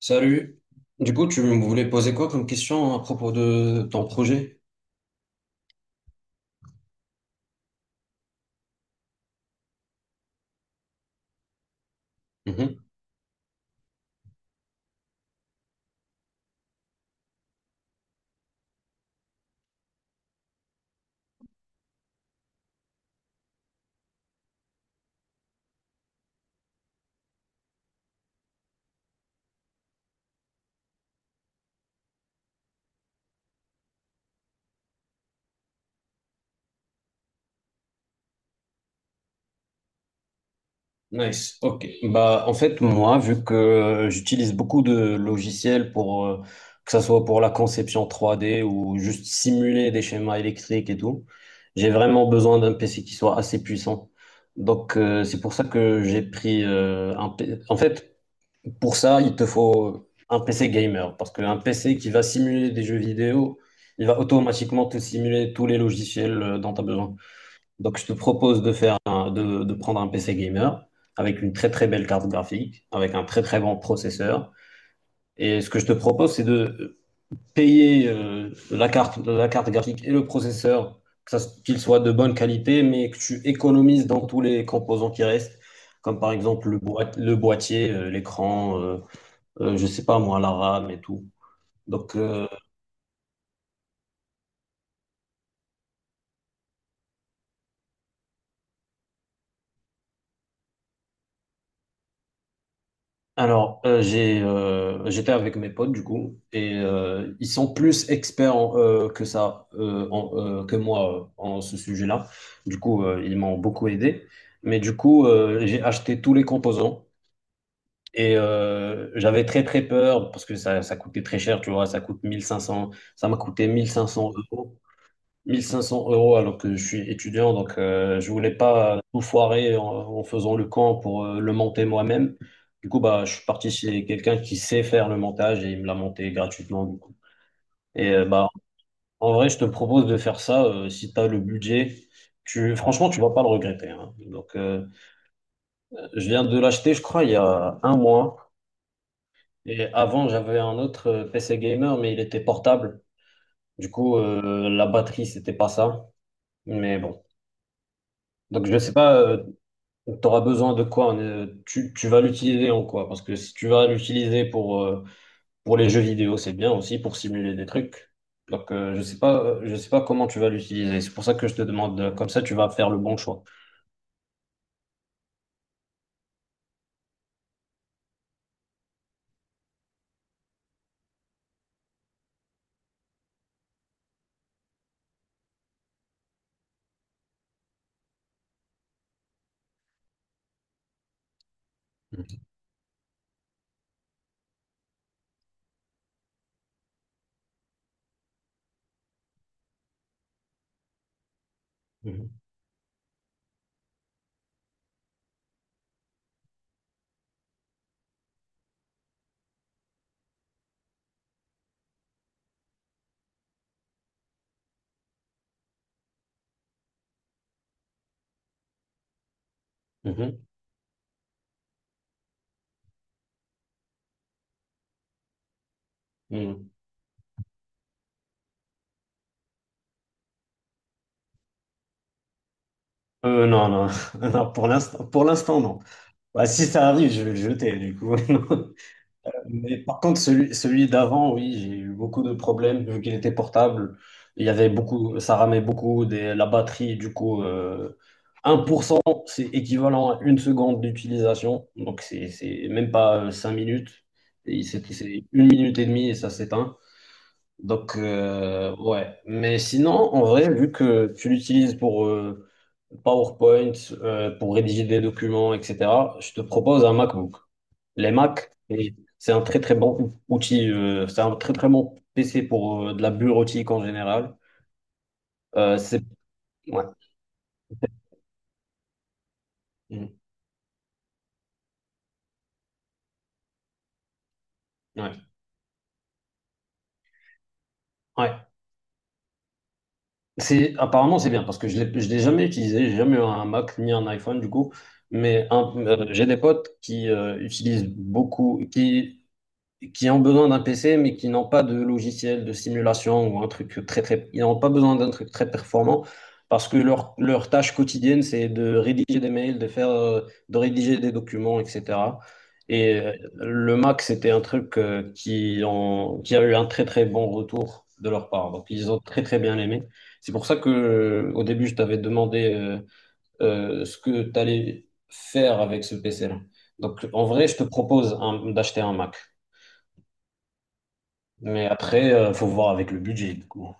Salut. Du coup, tu voulais poser quoi comme question à propos de ton projet? Mhm. Nice. Ok. Bah, en fait, moi, vu que j'utilise beaucoup de logiciels pour que ça soit pour la conception trois d ou juste simuler des schémas électriques et tout, j'ai vraiment besoin d'un PC qui soit assez puissant. Donc, c'est pour ça que j'ai pris un. P- C. En fait, pour ça, il te faut un PC gamer, parce qu'un PC qui va simuler des jeux vidéo, il va automatiquement te simuler tous les logiciels dont tu as besoin. Donc, je te propose de prendre un PC gamer avec une très très belle carte graphique, avec un très très bon processeur. Et ce que je te propose, c'est de payer la carte graphique et le processeur, qu'ils soient de bonne qualité, mais que tu économises dans tous les composants qui restent, comme par exemple le boîtier, l'écran. Je sais pas moi, l'arabe et tout. Donc, alors, j'ai, j'étais avec mes potes, du coup, et ils sont plus experts en, que ça, en- que moi, en ce sujet-là. Du coup, ils m'ont beaucoup aidé. Mais du coup, j'ai acheté tous les composants et j'avais très, très peur parce que ça coûtait très cher, tu vois, ça coûte mille cinq cents, ça m'a coûté mille cinq cents euros. 1500 euros, alors que je suis étudiant, donc je voulais pas tout foirer en faisant le camp pour le monter moi-même. Du coup, bah, je suis parti chez quelqu'un qui sait faire le montage et il me l'a monté gratuitement, du coup. Et bah, en vrai, je te propose de faire ça si tu as le budget. Franchement, tu vas pas le regretter, hein. Donc, je viens de l'acheter, je crois, il y a un mois. Et avant, j'avais un autre PC gamer, mais il était portable. Du coup, la batterie, c'était pas ça. Mais bon. Donc, je sais pas, donc tu auras besoin de quoi? Tu, tu vas l'utiliser en quoi? Parce que si tu vas l'utiliser pour les jeux vidéo, c'est bien aussi pour simuler des trucs. Donc, je sais pas comment tu vas l'utiliser. C'est pour ça que je te demande, comme ça, tu vas faire le bon choix. Mhm. Mhm. Mhm. Non, non, non, pour l'instant, non. Bah, si ça arrive, je vais le jeter, du coup. Mais par contre, celui d'avant, oui, j'ai eu beaucoup de problèmes vu qu'il était portable. Il y avait beaucoup, ça ramait beaucoup des, la batterie. Du coup, 1%, c'est équivalent à une seconde d'utilisation. Donc, c'est même pas 5 minutes. Et c'est une minute et demie et ça s'éteint. Donc, ouais. Mais sinon, en vrai, vu que tu l'utilises pour PowerPoint, pour rédiger des documents, etc., je te propose un MacBook. Les Mac, et c'est un très très bon outil, c'est un très très bon PC pour de la bureautique en général. C'est Ouais, mm, ouais, ouais. C'est apparemment c'est bien parce que je l'ai jamais utilisé, j'ai jamais eu un Mac ni un iPhone du coup, mais j'ai des potes qui utilisent beaucoup, qui ont besoin d'un PC, mais qui n'ont pas de logiciel de simulation ou un truc ils n'ont pas besoin d'un truc très performant parce que leur tâche quotidienne, c'est de rédiger des mails, de faire, de rédiger des documents, etc. Et le Mac, c'était un truc qui a eu un très, très bon retour de leur part. Donc, ils ont très, très bien aimé. C'est pour ça que, au début, je t'avais demandé ce que tu allais faire avec ce PC-là. Donc, en vrai, je te propose d'acheter un Mac. Mais après, faut voir avec le budget, du coup.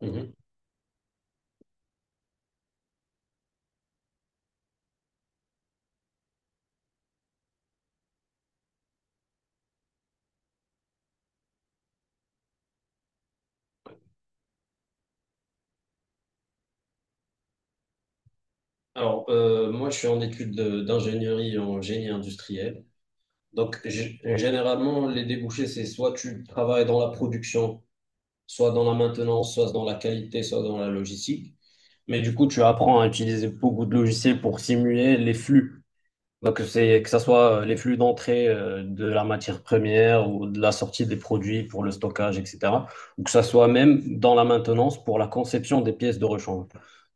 Mhm. Alors, moi, je suis en études d'ingénierie en génie industriel. Donc, généralement, les débouchés, c'est soit tu travailles dans la production, soit dans la maintenance, soit dans la qualité, soit dans la logistique. Mais du coup, tu apprends à utiliser beaucoup de logiciels pour simuler les flux. Donc, c'est que ce soit les flux d'entrée de la matière première ou de la sortie des produits pour le stockage, etc. Ou que ce soit même dans la maintenance pour la conception des pièces de rechange.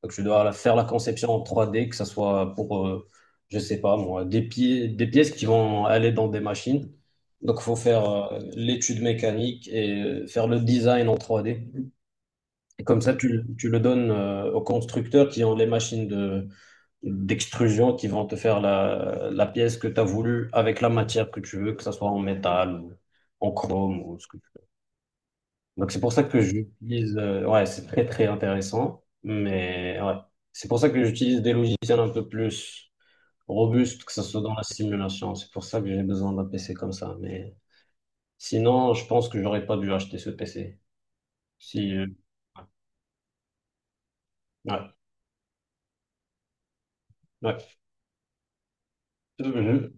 Donc, faire la conception en 3D, que ce soit pour, je sais pas moi, des pièces qui vont aller dans des machines. Donc, il faut faire l'étude mécanique et faire le design en 3D. Et comme ça, tu le donnes aux constructeurs qui ont les machines de d'extrusion qui vont te faire la pièce que tu as voulu avec la matière que tu veux, que ça soit en métal ou en chrome ou ce que tu veux. Donc c'est pour ça que j'utilise, ouais, c'est très très intéressant, mais ouais, c'est pour ça que j'utilise des logiciels un peu plus robustes, que ce soit dans la simulation. C'est pour ça que j'ai besoin d'un PC comme ça. Mais sinon, je pense que j'aurais pas dû acheter ce PC. Si, ouais, ouais, ouais. Je-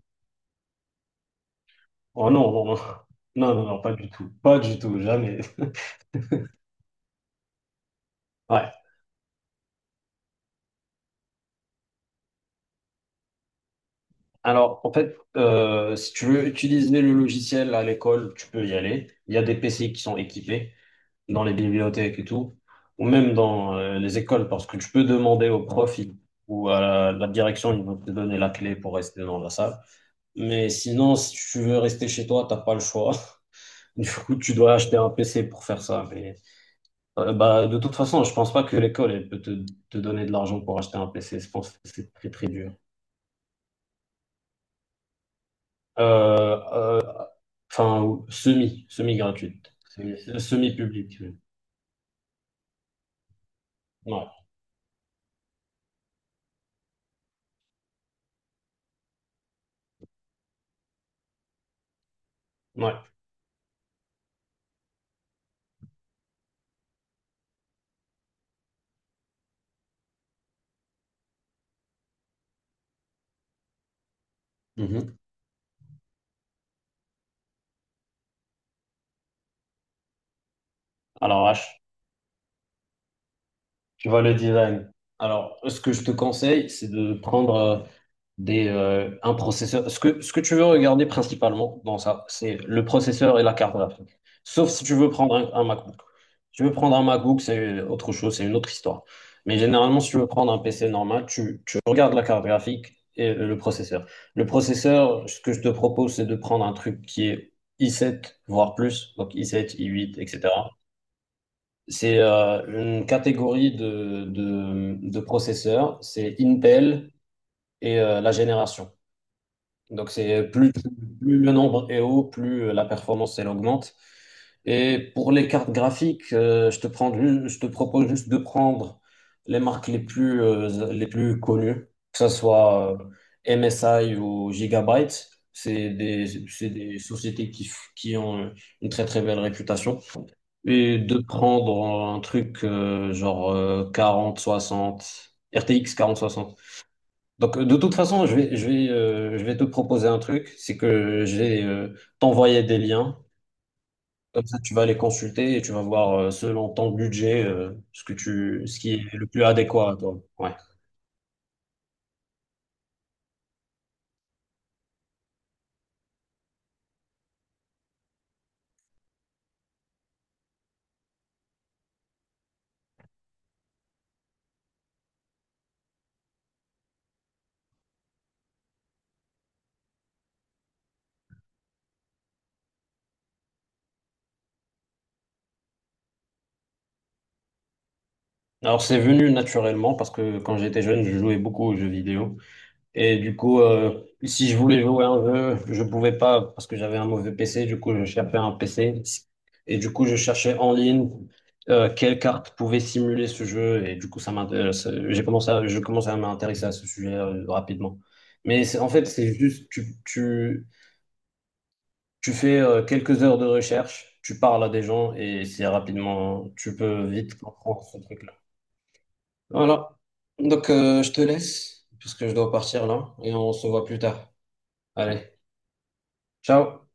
oh non, non, non, non, non, non, pas du tout, pas du tout, jamais. Ouais. Alors, en fait, si tu veux utiliser le logiciel à l'école, tu peux y aller. Il y a des PC qui sont équipés dans les bibliothèques et tout, ou même dans les écoles, parce que tu peux demander au ou à la direction, ils vont te donner la clé pour rester dans la salle. Mais sinon, si tu veux rester chez toi, t'as pas le choix. Du coup, tu dois acheter un PC pour faire ça. Mais, bah, de toute façon, je pense pas que l'école elle peut te donner de l'argent pour acheter un PC. Je pense que c'est très très dur. Euh, Enfin, semi, semi-gratuite. Semi. Semi-public. Oui. Ouais, ouais. Mhm. Alors, H, tu vois le design. Alors, ce que je te conseille, c'est de prendre un processeur. Ce que tu veux regarder principalement dans ça, c'est le processeur et la carte graphique. Sauf si tu veux prendre un MacBook. Si tu veux prendre un MacBook, c'est autre chose, c'est une autre histoire. Mais généralement, si tu veux prendre un PC normal, tu regardes la carte graphique et le processeur. Le processeur, ce que je te propose, c'est de prendre un truc qui est i7, voire plus, donc i7, i8, etc. C'est une catégorie de processeurs, c'est Intel et la génération. Donc c'est plus, plus le nombre est haut, plus la performance elle augmente. Et pour les cartes graphiques, je te propose juste de prendre les marques les plus connues, que ce soit MSI ou Gigabyte. C'est des sociétés qui ont une très très belle réputation. Et de prendre un truc genre 40, 60, quarante soixante. Donc, de toute façon, je vais te proposer un truc, c'est que je vais t'envoyer des liens. Comme ça, tu vas les consulter et tu vas voir, selon ton budget, ce qui est le plus adéquat à toi. Ouais. Alors, c'est venu naturellement parce que quand j'étais jeune, je jouais beaucoup aux jeux vidéo. Et du coup, si je voulais jouer à un jeu, je pouvais pas parce que j'avais un mauvais PC. Du coup, je cherchais un PC. Et du coup, je cherchais en ligne quelle carte pouvait simuler ce jeu. Et du coup, ça m'intéresse. Je commençais à m'intéresser à ce sujet rapidement. Mais en fait, c'est juste, tu fais quelques heures de recherche, tu parles à des gens et c'est rapidement, tu peux vite comprendre ce truc-là. Voilà. Donc, je te laisse parce que je dois partir là et on se voit plus tard. Allez. Ciao.